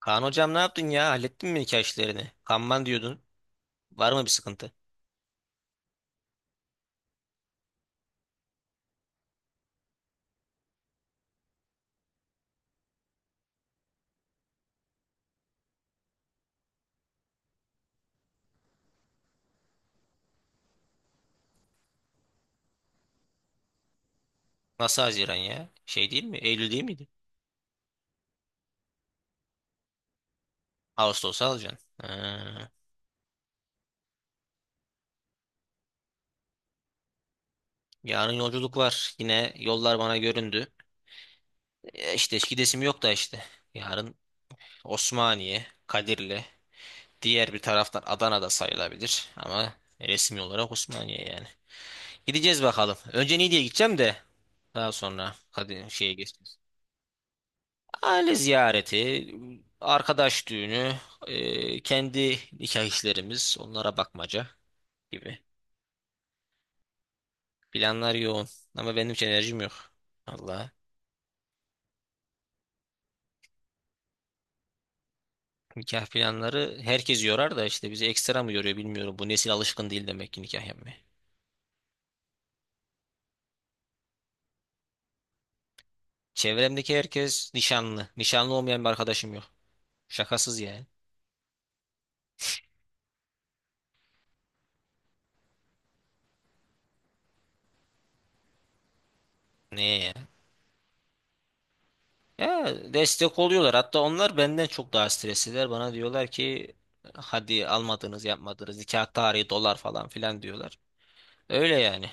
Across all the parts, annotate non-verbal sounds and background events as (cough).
Kaan hocam ne yaptın ya? Hallettin mi nikah işlerini? Kanman diyordun. Var mı bir sıkıntı? Nasıl Haziran ya? Şey değil mi? Eylül değil miydi? Ağustos'a alacaksın. Ha. Yarın yolculuk var. Yine yollar bana göründü. E işte gidesim yok da işte. Yarın Osmaniye, Kadirli. Diğer bir taraftan Adana'da sayılabilir. Ama resmi olarak Osmaniye yani. Gideceğiz bakalım. Önce Niğde'ye gideceğim de daha sonra Kadir şeye geçeceğiz. Aile ziyareti, arkadaş düğünü, kendi nikah işlerimiz, onlara bakmaca gibi. Planlar yoğun ama benim hiç enerjim yok. Allah. Nikah planları herkes yorar da işte bizi ekstra mı yoruyor bilmiyorum. Bu nesil alışkın değil demek ki nikah yapmaya. Çevremdeki herkes nişanlı. Nişanlı olmayan bir arkadaşım yok. Şakasız yani. Neye ya? Ya destek oluyorlar. Hatta onlar benden çok daha stresliler. Bana diyorlar ki hadi almadınız yapmadınız nikah tarihi dolar falan filan diyorlar. Öyle yani.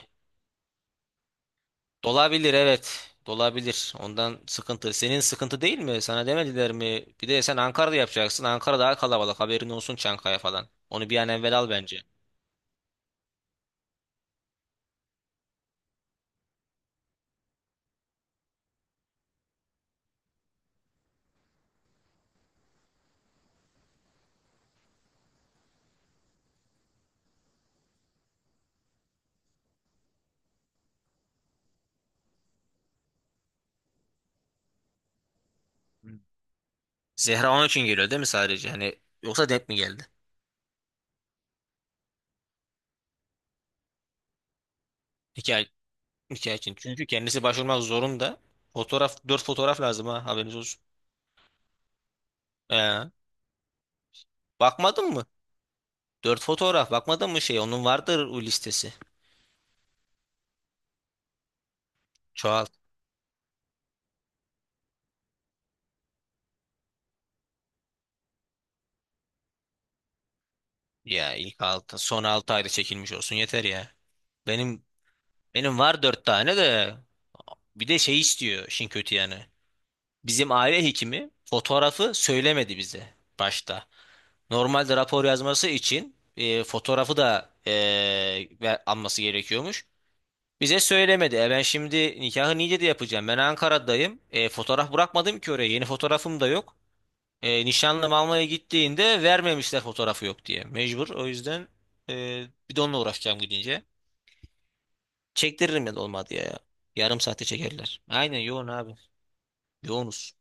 Dolabilir evet. Dolabilir. Ondan sıkıntı. Senin sıkıntı değil mi? Sana demediler mi? Bir de sen Ankara'da yapacaksın. Ankara daha kalabalık. Haberin olsun Çankaya falan. Onu bir an evvel al bence. Zehra onun için geliyor değil mi sadece? Hani yoksa denk mi geldi? Hikaye, hikaye için. Çünkü kendisi başvurmak zorunda. Fotoğraf, dört fotoğraf lazım ha haberiniz olsun. Ee, bakmadın mı? Dört fotoğraf bakmadın mı şey? Onun vardır o listesi. Çoğalt. Ya ilk altı, son altı ayda çekilmiş olsun yeter ya. Benim Benim var dört tane de bir de şey istiyor işin kötü yani. Bizim aile hekimi fotoğrafı söylemedi bize başta. Normalde rapor yazması için fotoğrafı da alması gerekiyormuş. Bize söylemedi. E ben şimdi nikahı Niğde'de yapacağım. Ben Ankara'dayım. E, fotoğraf bırakmadım ki oraya. Yeni fotoğrafım da yok. E, nişanlım almaya gittiğinde vermemişler fotoğrafı yok diye. Mecbur. O yüzden bir de onunla uğraşacağım gidince. Çektiririm ya da olmadı ya. Yarım saate çekerler. Aynen yoğun abi. Yoğunuz.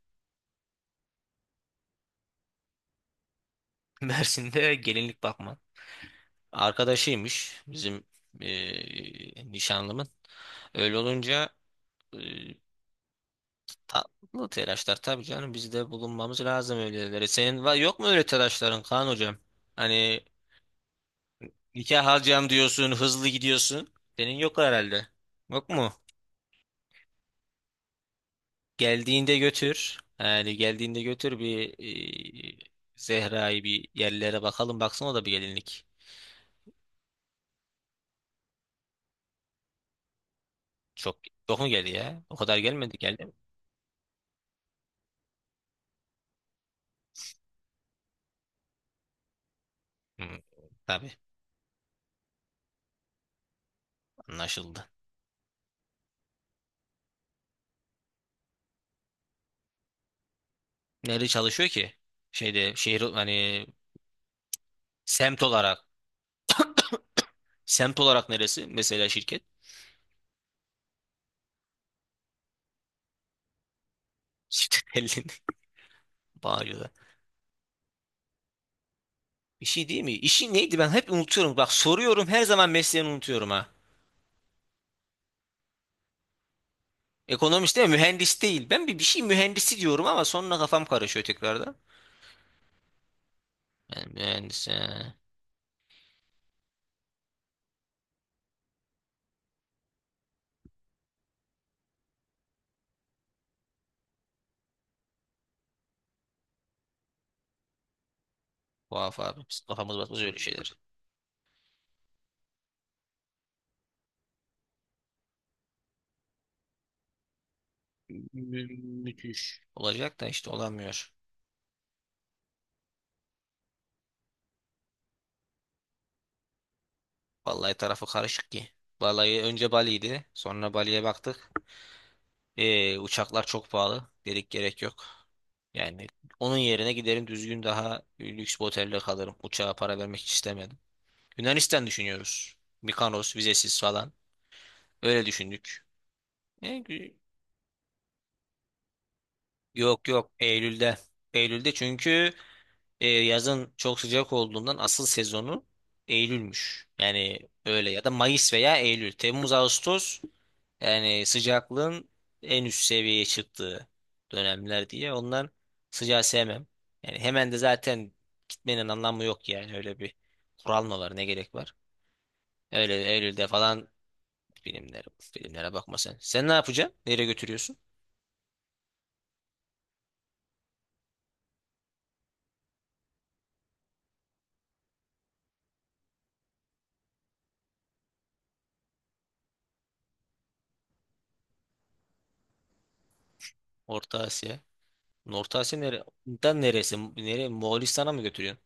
(laughs) Mersin'de gelinlik bakma. Arkadaşıymış bizim nişanlımın. Öyle olunca eee, tatlı telaşlar tabii canım. Biz de bulunmamız lazım öylelere. Senin var, yok mu öyle telaşların Kaan hocam? Hani nikah alacağım diyorsun, hızlı gidiyorsun. Senin yok herhalde. Yok mu? Geldiğinde götür. Yani geldiğinde götür bir e, Zehra'yı bir yerlere bakalım. Baksın o da bir gelinlik. Çok yok mu geldi ya? O kadar gelmedi geldi mi? Hmm, tabii anlaşıldı. Nerede çalışıyor ki? Şeyde şehir hani semt olarak. Semt olarak neresi? Mesela şirket. (laughs) Şirket belli. Bağcı'da. Bir şey değil mi? İşi neydi ben hep unutuyorum. Bak soruyorum her zaman mesleğini unutuyorum ha. Ekonomist değil mi? Mühendis değil. Ben bir şey mühendisi diyorum ama sonra kafam karışıyor tekrardan. Yani mühendis yani. Tuhaf abi. Biz kafamız basmaz öyle şeyler. Müthiş. Olacak da işte olamıyor. Vallahi tarafı karışık ki. Vallahi önce Bali'ydi. Sonra Bali'ye baktık. Uçaklar çok pahalı. Dedik gerek yok. Yani onun yerine giderim düzgün daha lüks bir otelde kalırım. Uçağa para vermek hiç istemedim. Yunanistan düşünüyoruz. Mikanos vizesiz falan. Öyle düşündük. E, gü- yok yok Eylül'de. Eylül'de çünkü yazın çok sıcak olduğundan asıl sezonu Eylül'müş. Yani öyle ya da Mayıs veya Eylül. Temmuz, Ağustos yani sıcaklığın en üst seviyeye çıktığı dönemler diye ondan sıcağı sevmem. Yani hemen de zaten gitmenin anlamı yok yani öyle bir kural mı var ne gerek var? Öyle Eylül'de falan filmlere bakma sen. Sen ne yapacaksın? Nereye götürüyorsun? Orta Asya. Orta Asya nere? Da neresi? Nereye? Moğolistan'a mı götürüyorsun?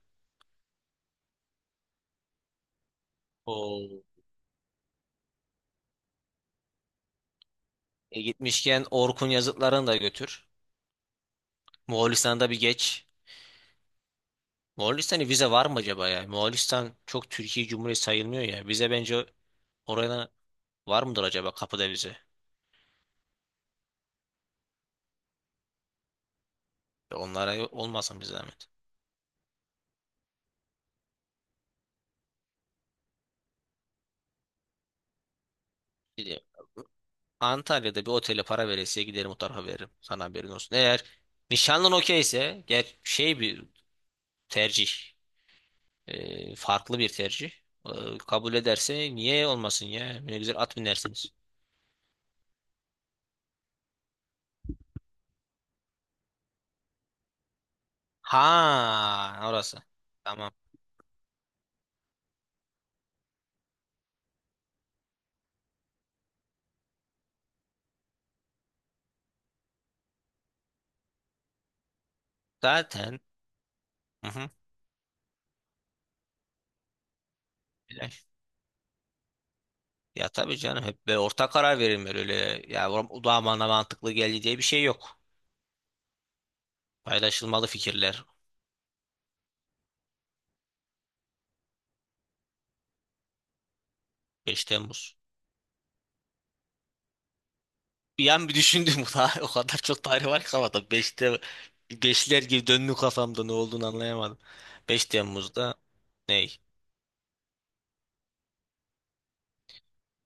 O E gitmişken Orkun yazıtlarını da götür. Moğolistan'da bir geç. Moğolistan'a vize var mı acaba ya? Moğolistan çok Türkiye Cumhuriyeti sayılmıyor ya. Vize bence oraya var mıdır acaba kapıda vize? Ya Onlara olmasın bir zahmet. Bir de Antalya'da bir otele para veresiye giderim o tarafa veririm. Sana haberin olsun. Eğer nişanlın okeyse ger şey bir tercih. Farklı bir tercih. Kabul ederse niye olmasın ya? Ne güzel at binersiniz. Ha orası. Tamam. Zaten hı hı, öyle. Ya tabii canım hep böyle ortak karar verilmeli öyle ya o da bana mantıklı geldi diye bir şey yok. Paylaşılmalı fikirler. 5 Temmuz. Bir an bir düşündüm (laughs) bu o kadar çok tarih var ki kafamda Beşte 5'ler gibi döndü kafamda ne olduğunu anlayamadım. 5 Temmuz'da ney?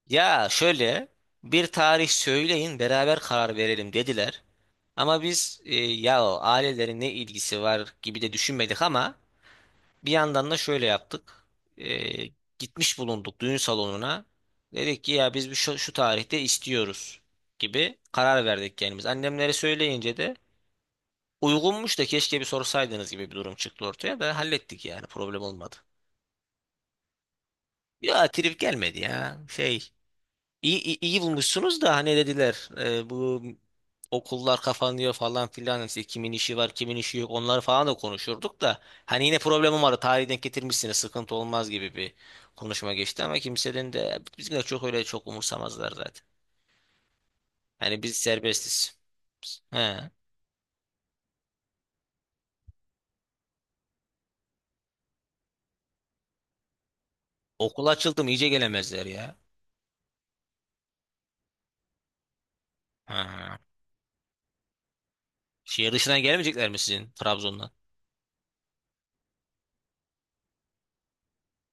Ya şöyle bir tarih söyleyin beraber karar verelim dediler. Ama biz ya o ailelerin ne ilgisi var gibi de düşünmedik ama bir yandan da şöyle yaptık. Ee, gitmiş bulunduk düğün salonuna. Dedik ki ya biz bir şu tarihte istiyoruz gibi karar verdik kendimiz. Annemlere söyleyince de uygunmuş da keşke bir sorsaydınız gibi bir durum çıktı ortaya da hallettik yani problem olmadı. Ya trip gelmedi ya şey. İyi, iyi bulmuşsunuz da hani dediler bu okullar kapanıyor falan filan işte kimin işi var kimin işi yok onları falan da konuşurduk da hani yine problemim vardı tarihi denk getirmişsiniz sıkıntı olmaz gibi bir konuşma geçti ama kimsenin de bizimle çok öyle çok umursamazlar zaten. Hani biz serbestiz. He. Okul açıldı mı iyice gelemezler ya. Ha. Şehir dışından gelmeyecekler mi sizin Trabzon'dan?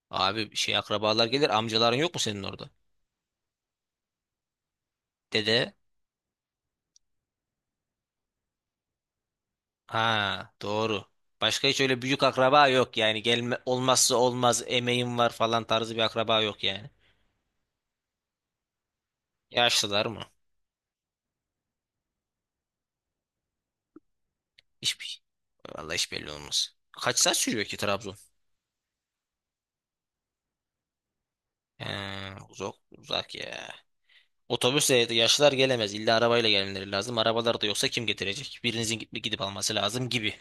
Abi şey akrabalar gelir amcaların yok mu senin orada? Dede. Ha, doğru. Başka hiç öyle büyük akraba yok yani. Gelme, olmazsa olmaz emeğim var falan tarzı bir akraba yok yani. Yaşlılar mı? Hiç, vallahi hiç belli olmaz. Kaç saat sürüyor ki Trabzon? He, uzak ya. Otobüsle yaşlılar gelemez. İlla arabayla gelmeleri lazım. Arabalar da yoksa kim getirecek? Birinizin gidip alması lazım gibi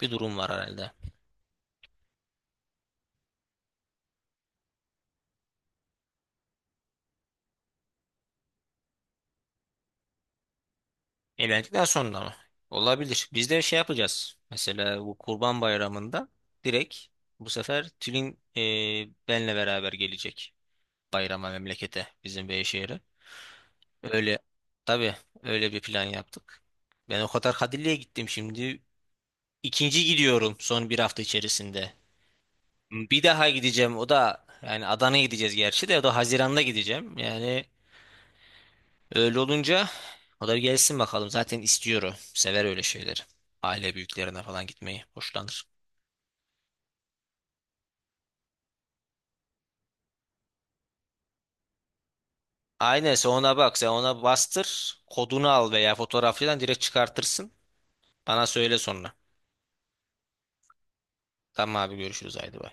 bir durum var herhalde. Evlendikten sonra mı? Olabilir. Biz de şey yapacağız. Mesela bu Kurban Bayramı'nda direkt bu sefer Tülin benle beraber gelecek bayrama memlekete bizim Beyşehir'e. Öyle tabii öyle bir plan yaptık. Ben o kadar Kadirli'ye gittim şimdi. İkinci gidiyorum son bir hafta içerisinde. Bir daha gideceğim o da yani Adana'ya gideceğiz gerçi de o da Haziran'da gideceğim. Yani öyle olunca o da bir gelsin bakalım. Zaten istiyor o. Sever öyle şeyleri. Aile büyüklerine falan gitmeyi hoşlanır. Aynen sen ona bak. Sen ona bastır. Kodunu al veya fotoğrafçıdan direkt çıkartırsın. Bana söyle sonra. Tamam abi görüşürüz haydi. Bay.